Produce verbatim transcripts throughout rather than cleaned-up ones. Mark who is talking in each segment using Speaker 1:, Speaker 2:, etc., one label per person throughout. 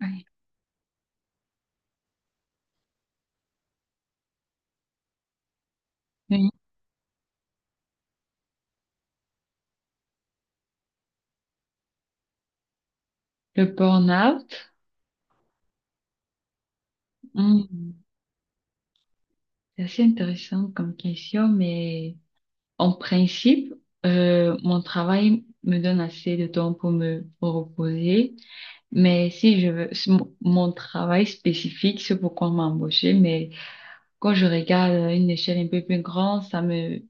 Speaker 1: Oui, oui. Le burn-out, hmm, c'est assez intéressant comme question, mais en principe, euh, mon travail me donne assez de temps pour me reposer. Mais si je veux, si mon mon travail spécifique, c'est pourquoi on m'a embauché, mais quand je regarde à une échelle un peu plus grande, ça me,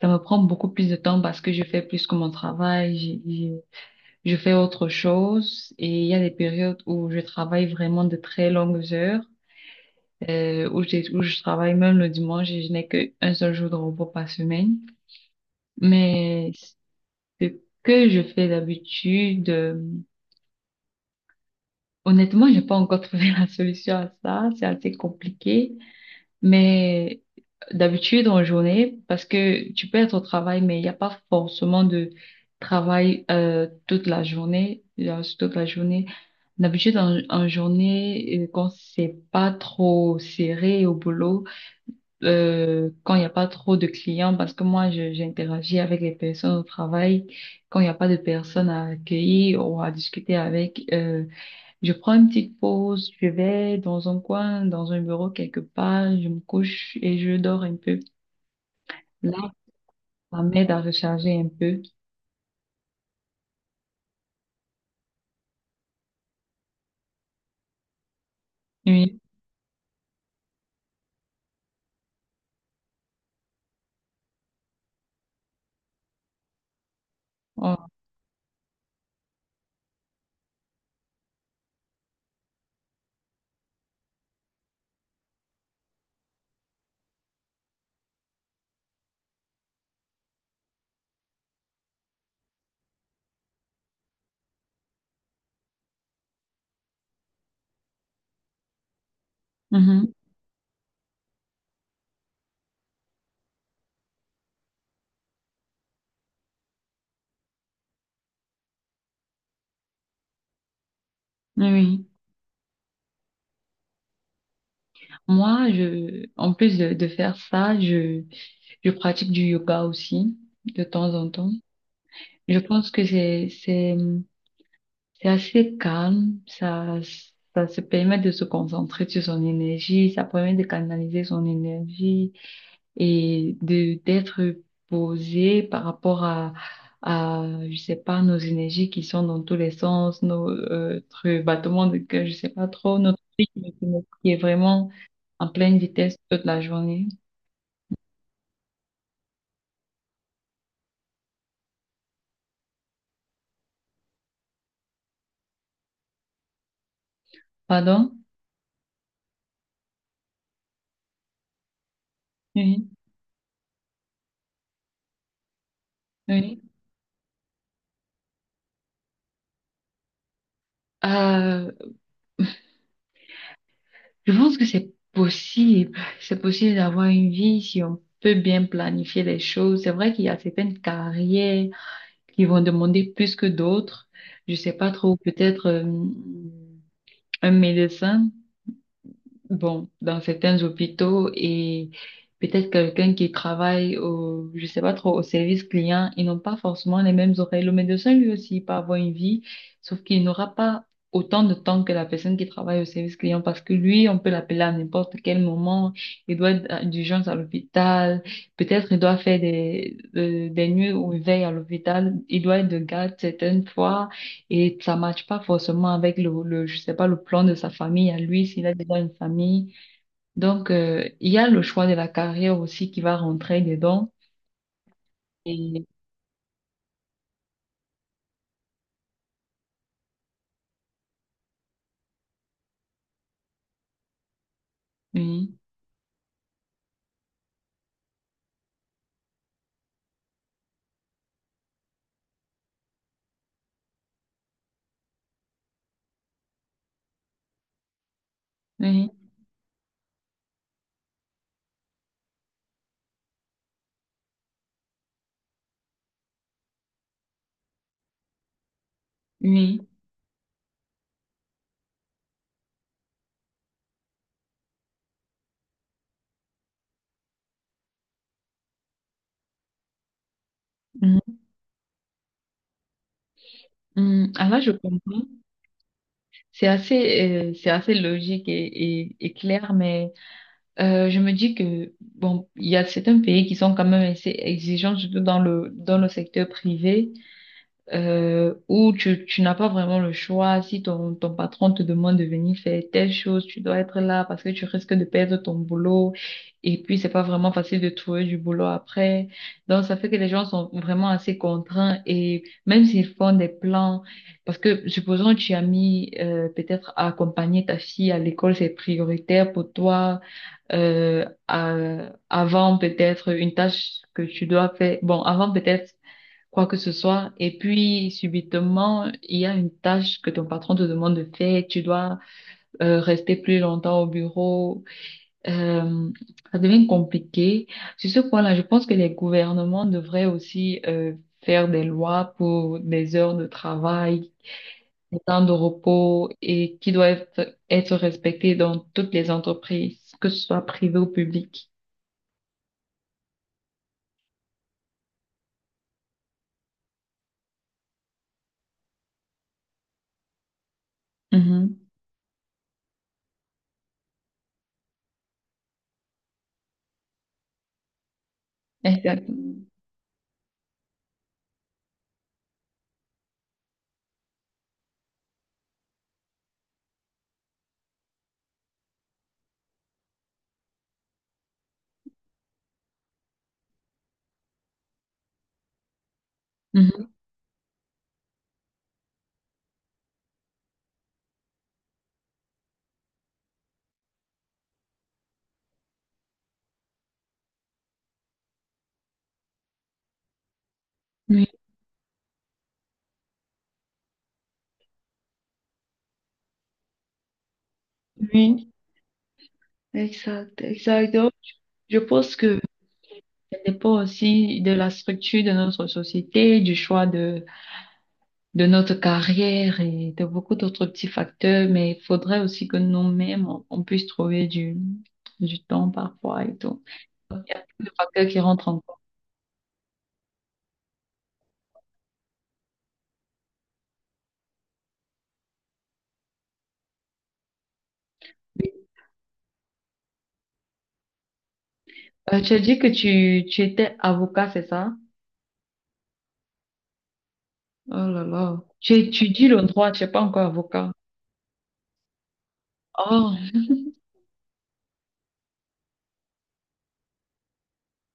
Speaker 1: ça me prend beaucoup plus de temps parce que je fais plus que mon travail, j'ai- j'ai- je fais autre chose et il y a des périodes où je travaille vraiment de très longues heures, euh, où j'ai- où je travaille même le dimanche et je n'ai qu'un seul jour de repos par semaine. Mais ce que je fais d'habitude, euh, honnêtement, j'ai pas encore trouvé la solution à ça. C'est assez compliqué. Mais d'habitude, en journée, parce que tu peux être au travail, mais il n'y a pas forcément de travail euh, toute la journée, euh, toute la journée. D'habitude, en, en journée, euh, quand c'est pas trop serré au boulot, euh, quand il n'y a pas trop de clients, parce que moi, je- j'interagis avec les personnes au travail. Quand il n'y a pas de personnes à accueillir ou à discuter avec, euh, je prends une petite pause, je vais dans un coin, dans un bureau quelque part, je me couche et je dors un peu. Là, ça m'aide à recharger un peu. Oui. Oh. Mhm. Oui, oui. Moi, je, en plus de, de faire ça, je, je pratique du yoga aussi, de temps en temps. Je pense que c'est, c'est, C'est assez calme, ça, ça se permet de se concentrer sur son énergie, ça permet de canaliser son énergie et de d'être posé par rapport à, à, je sais pas, nos énergies qui sont dans tous les sens, nos, euh, notre battement de cœur, je sais pas trop, notre rythme qui est vraiment en pleine vitesse toute la journée. Pardon? Oui, oui. Euh, Je pense que c'est possible. C'est possible d'avoir une vie si on peut bien planifier les choses. C'est vrai qu'il y a certaines carrières qui vont demander plus que d'autres. Je sais pas trop, peut-être euh, un médecin bon, dans certains hôpitaux et peut-être quelqu'un qui travaille au, je sais pas trop, au service client, ils n'ont pas forcément les mêmes oreilles. Le médecin, lui aussi, il peut avoir une vie, sauf qu'il n'aura pas autant de temps que la personne qui travaille au service client parce que lui, on peut l'appeler à n'importe quel moment. Il doit être d'urgence à l'hôpital. Peut-être il doit faire des, euh, des nuits où il veille à l'hôpital. Il doit être de garde certaines fois. Et ça matche pas forcément avec le, le, je sais pas, le plan de sa famille à lui, s'il a déjà une famille. Donc, euh, il y a le choix de la carrière aussi qui va rentrer dedans. Et oui, oui, oui. Mhm, mhm. Ah là, je comprends. C'est assez, euh, c'est assez logique et, et, et clair, mais euh, je me dis que, bon, il y a certains pays qui sont quand même assez exigeants, surtout dans le, dans le secteur privé, euh, où tu, tu n'as pas vraiment le choix. Si ton, ton patron te demande de venir faire telle chose, tu dois être là parce que tu risques de perdre ton boulot. Et puis, c'est pas vraiment facile de trouver du boulot après. Donc, ça fait que les gens sont vraiment assez contraints et même s'ils font des plans, parce que supposons que tu as mis euh, peut-être à accompagner ta fille à l'école, c'est prioritaire pour toi euh, à- avant peut-être une tâche que tu dois faire. Bon, avant peut-être quoi que ce soit. Et puis, subitement, il y a une tâche que ton patron te demande de faire. Tu dois euh, rester plus longtemps au bureau. Euh, ça devient compliqué. Sur ce point-là, je pense que les gouvernements devraient aussi euh, faire des lois pour des heures de travail, des temps de repos et qui doivent être respectées dans toutes les entreprises, que ce soit privées ou publiques. Mhm. Exact. Mhm. Oui, oui, exact, exact. Donc, je pense que ça dépend aussi de la structure de notre société, du choix de, de notre carrière et de beaucoup d'autres petits facteurs, mais il faudrait aussi que nous-mêmes, on, on puisse trouver du, du temps parfois et tout. Il y a plein de facteurs qui rentrent en compte. Euh, tu as dit que tu, tu étais avocat, c'est ça? Oh là là. Tu étudies le droit, tu n'es pas encore avocat. Oh,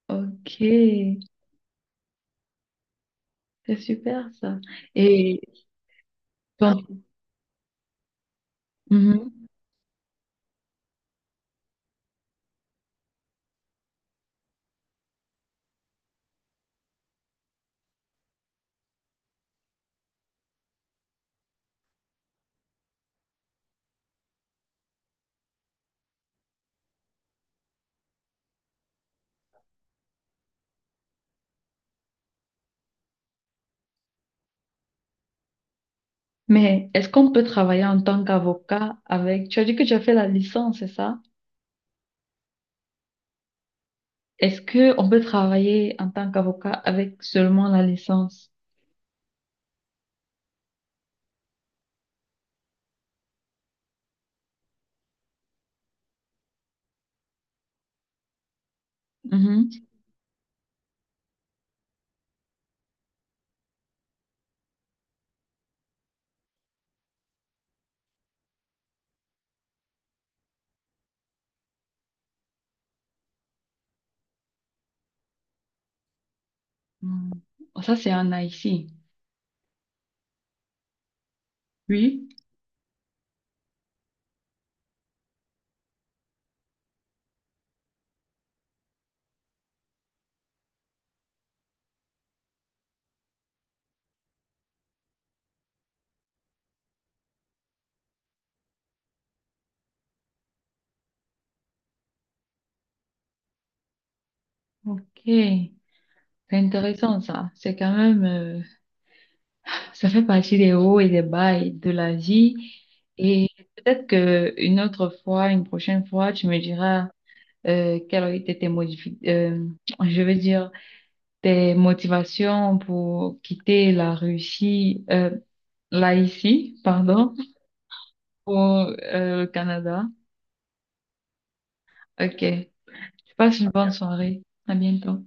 Speaker 1: ok. C'est super ça. Et toi? Mais est-ce qu'on peut travailler en tant qu'avocat avec... Tu as dit que tu as fait la licence, c'est ça? Est-ce que on peut travailler en tant qu'avocat avec seulement la licence? Mhm. Hmm. Ça, c'est en Haïti. Oui. Ok. C'est intéressant, ça. C'est quand même... euh, ça fait partie des hauts et des bas et de la vie. Et peut-être que une autre fois, une prochaine fois, tu me diras euh, quelles ont été tes modifications... je veux dire... tes motivations pour quitter la Russie, euh, là ici, pardon, pour euh, le Canada. Ok. Passe une bonne soirée. À bientôt.